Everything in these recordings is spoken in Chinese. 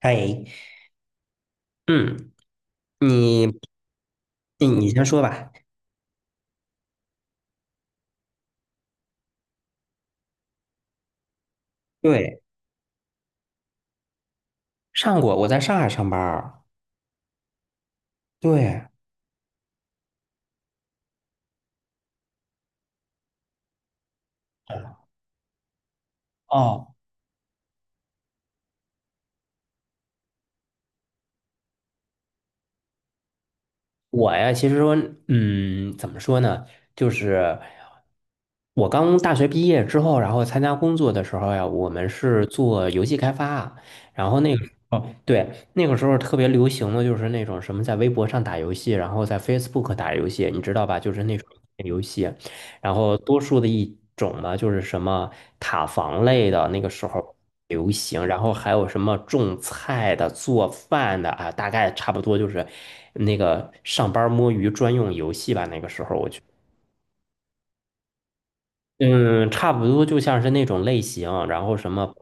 嗨，嗯，你你先说吧。对，上过，我在上海上班儿。对，哦，我呀，其实说，嗯，怎么说呢？就是我刚大学毕业之后，然后参加工作的时候呀，我们是做游戏开发啊，然后那个时候，对，那个时候特别流行的就是那种什么在微博上打游戏，然后在 Facebook 打游戏，你知道吧？就是那种游戏，然后多数的一种呢，就是什么塔防类的，那个时候。流行，然后还有什么种菜的、做饭的啊，大概差不多就是那个上班摸鱼专用游戏吧。那个时候我觉嗯，差不多就像是那种类型，然后什么，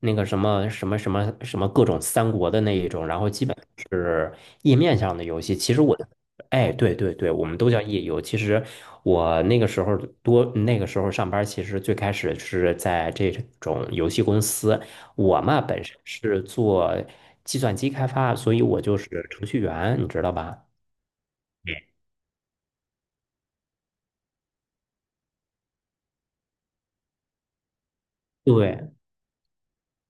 那个什么什么什么什么各种三国的那一种，然后基本是页面上的游戏。其实我的，哎，对对对，我们都叫页游。其实我那个时候多，那个时候上班，其实最开始是在这种游戏公司。我嘛本身是做计算机开发，所以我就是程序员，你知道吧？对，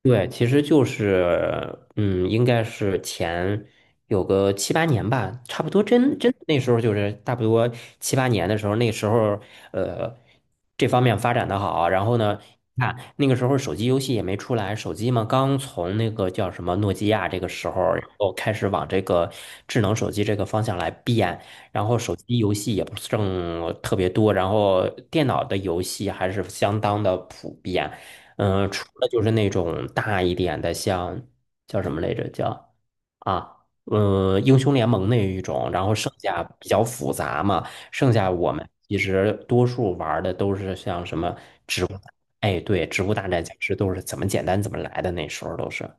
对，其实就是，嗯，应该是前有个七八年吧，差不多真真那时候就是差不多七八年的时候，那时候呃这方面发展的好，然后呢，看那个时候手机游戏也没出来，手机嘛刚从那个叫什么诺基亚这个时候，然后开始往这个智能手机这个方向来变，然后手机游戏也不是正特别多，然后电脑的游戏还是相当的普遍。嗯，除了就是那种大一点的，像叫什么来着？叫英雄联盟那一种，然后剩下比较复杂嘛，剩下我们其实多数玩儿的都是像什么，哎，对，植物大战僵尸都是怎么简单怎么来的，那时候都是，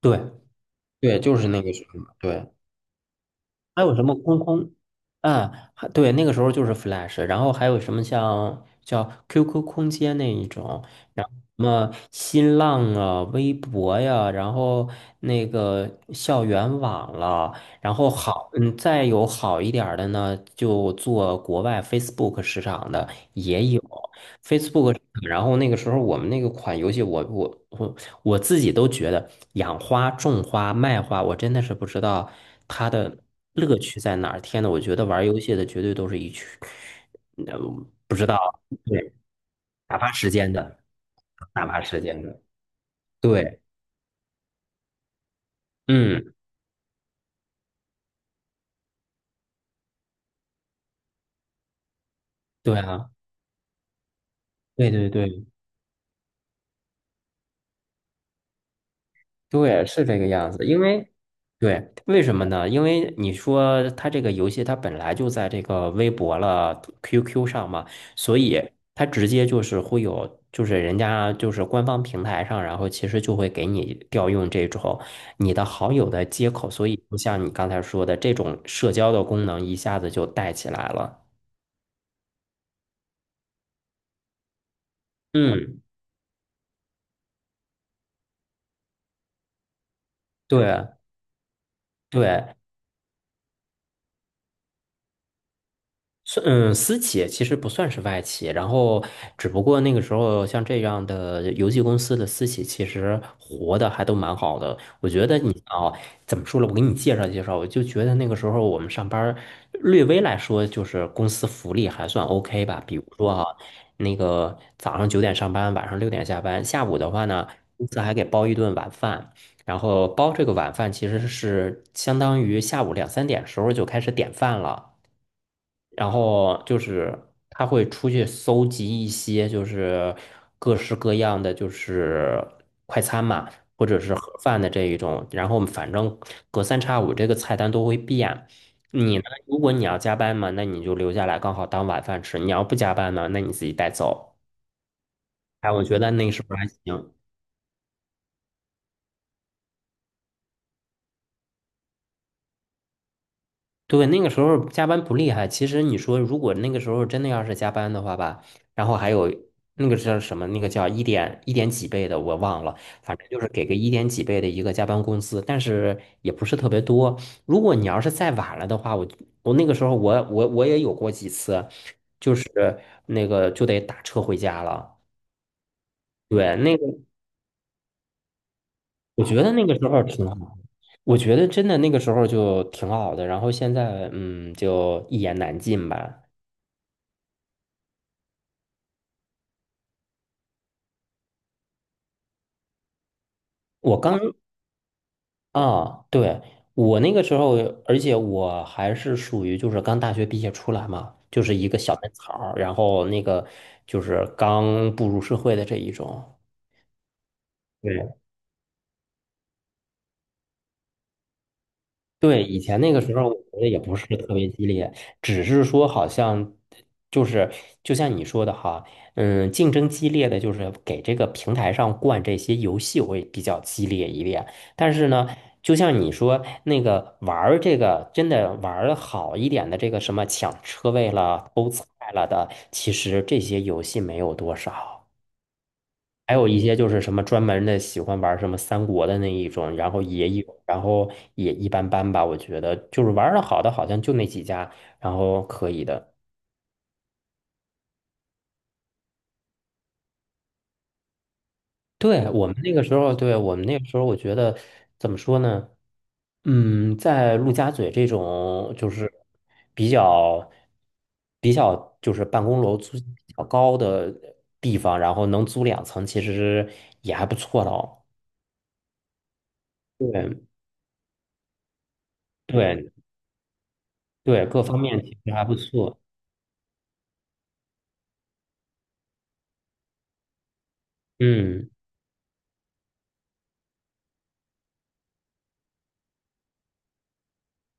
对对，就是那个什么，对。还有什么空空啊？还对，那个时候就是 Flash，然后还有什么像叫 QQ 空间那一种，然后什么新浪啊、微博呀，然后那个校园网了，然后好，嗯，再有好一点儿的呢，就做国外 Facebook 市场的也有。Facebook，然后那个时候我们那个款游戏我自己都觉得养花、种花、卖花，我真的是不知道它的乐趣在哪儿。天呐，我觉得玩游戏的绝对都是一群，嗯，不知道，对，打发时间的，打发时间的，对，嗯，对啊，对对对，对，是这个样子。因为，对，为什么呢？因为你说它这个游戏它本来就在这个微博了、QQ 上嘛，所以它直接就是会有，就是人家就是官方平台上，然后其实就会给你调用这种你的好友的接口，所以就像你刚才说的，这种社交的功能一下子就带起来了。嗯，对对，是嗯，私企其实不算是外企，然后只不过那个时候像这样的游戏公司的私企，其实活的还都蛮好的。我觉得你啊，怎么说了？我给你介绍介绍，我就觉得那个时候我们上班儿，略微来说就是公司福利还算 OK 吧。比如说哈、那个早上9点上班，晚上6点下班，下午的话呢，公司还给包一顿晚饭。然后包这个晚饭其实是相当于下午2、3点时候就开始点饭了。然后就是他会出去搜集一些就是各式各样的就是快餐嘛，或者是盒饭的这一种，然后反正隔三差五这个菜单都会变。你呢？如果你要加班嘛，那你就留下来刚好当晚饭吃；你要不加班呢，那你自己带走。哎，我觉得那是不是还行？对，那个时候加班不厉害。其实你说，如果那个时候真的要是加班的话吧，然后还有那个叫什么，那个叫一点几倍的，我忘了，反正就是给个一点几倍的一个加班工资，但是也不是特别多。如果你要是再晚了的话，我那个时候我也有过几次，就是那个就得打车回家了。对，那个我觉得那个时候挺好，我觉得真的那个时候就挺好的。然后现在就一言难尽吧。我刚啊，对，我那个时候，而且我还是属于就是刚大学毕业出来嘛，就是一个小嫩草儿，然后那个就是刚步入社会的这一种。对。对，以前那个时候，我觉得也不是特别激烈，只是说好像就是就像你说的哈，嗯，竞争激烈的就是给这个平台上灌这些游戏会比较激烈一点。但是呢，就像你说那个玩儿这个真的玩儿的好一点的这个什么抢车位了、偷菜了的，其实这些游戏没有多少。还有一些就是什么专门的喜欢玩什么三国的那一种，然后也有，然后也一般般吧。我觉得就是玩的好的好像就那几家，然后可以的。对，我们那个时候，对，我们那个时候，我觉得怎么说呢？嗯，在陆家嘴这种就是比较比较就是办公楼租金比较高的地方，然后能租2层，其实也还不错的哦。对对对，各方面其实还不错。嗯。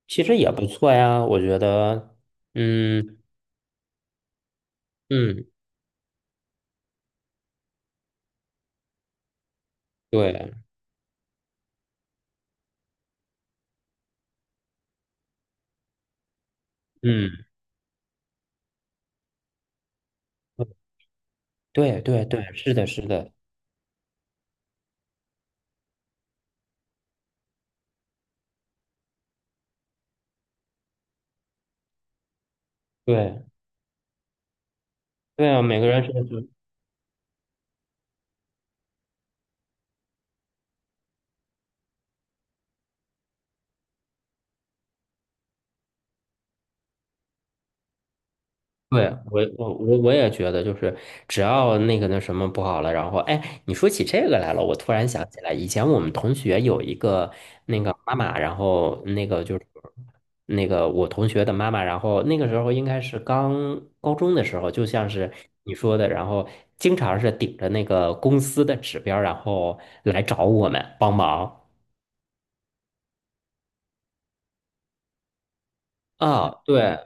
其实也不错呀，我觉得，嗯嗯，对，嗯，对对对，是的，是的，对对啊，每个人是。对，我也觉得，就是只要那个那什么不好了，然后哎，你说起这个来了，我突然想起来，以前我们同学有一个那个妈妈，然后那个就是那个我同学的妈妈，然后那个时候应该是刚高中的时候，就像是你说的，然后经常是顶着那个公司的指标，然后来找我们帮忙。啊，对，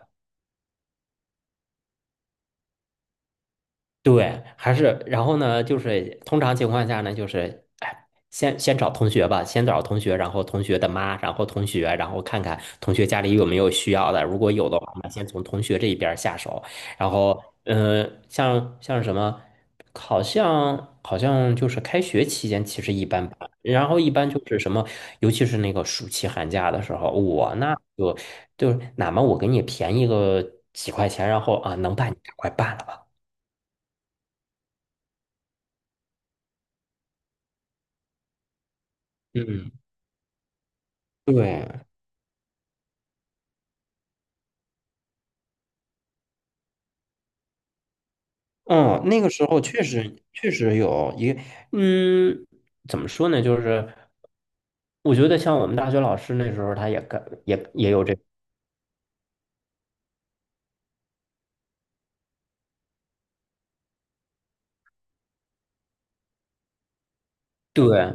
对，还是然后呢，就是通常情况下呢，就是哎，先找同学吧，先找同学，然后同学的妈，然后同学，然后看看同学家里有没有需要的，如果有的话，那先从同学这一边儿下手，然后像什么，好像就是开学期间其实一般般，然后一般就是什么，尤其是那个暑期寒假的时候，我那就哪怕我给你便宜个几块钱，然后啊，能办你赶快办了吧，嗯。对，嗯，那个时候确实有一个，嗯，怎么说呢？就是我觉得像我们大学老师那时候，他也干也有这。对，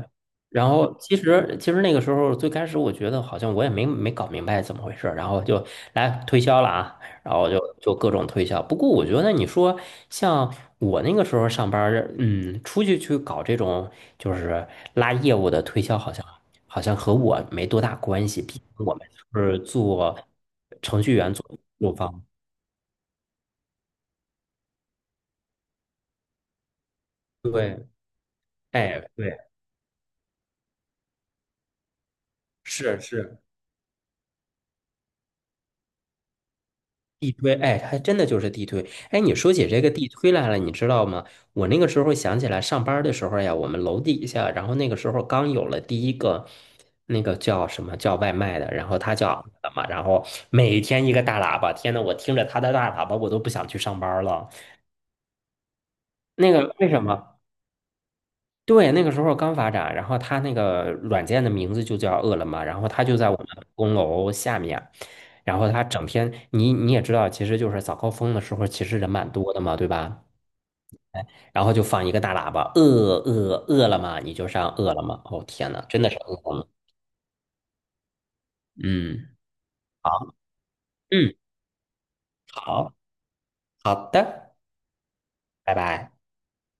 然后其实那个时候最开始我觉得好像我也没搞明白怎么回事儿然后就来推销了啊，然后就各种推销。不过我觉得你说像我那个时候上班儿出去去搞这种就是拉业务的推销，好像和我没多大关系，毕竟我们是做程序员做方。对，哎，对，是是。地推，哎，还真的就是地推。哎，你说起这个地推来了，你知道吗？我那个时候想起来，上班儿的时候呀，我们楼底下，然后那个时候刚有了第一个那个叫什么叫外卖的，然后他叫什么，然后每天一个大喇叭，天呐，我听着他的大喇叭，我都不想去上班儿了。那个为什么？对，那个时候刚发展，然后它那个软件的名字就叫饿了么，然后它就在我们的公楼下面，然后它整天，你也知道，其实就是早高峰的时候，其实人蛮多的嘛，对吧？哎，然后就放一个大喇叭，饿了么，你就上饿了么。哦，天呐，真的是饿了么嗯，好，嗯，好，好的，拜拜。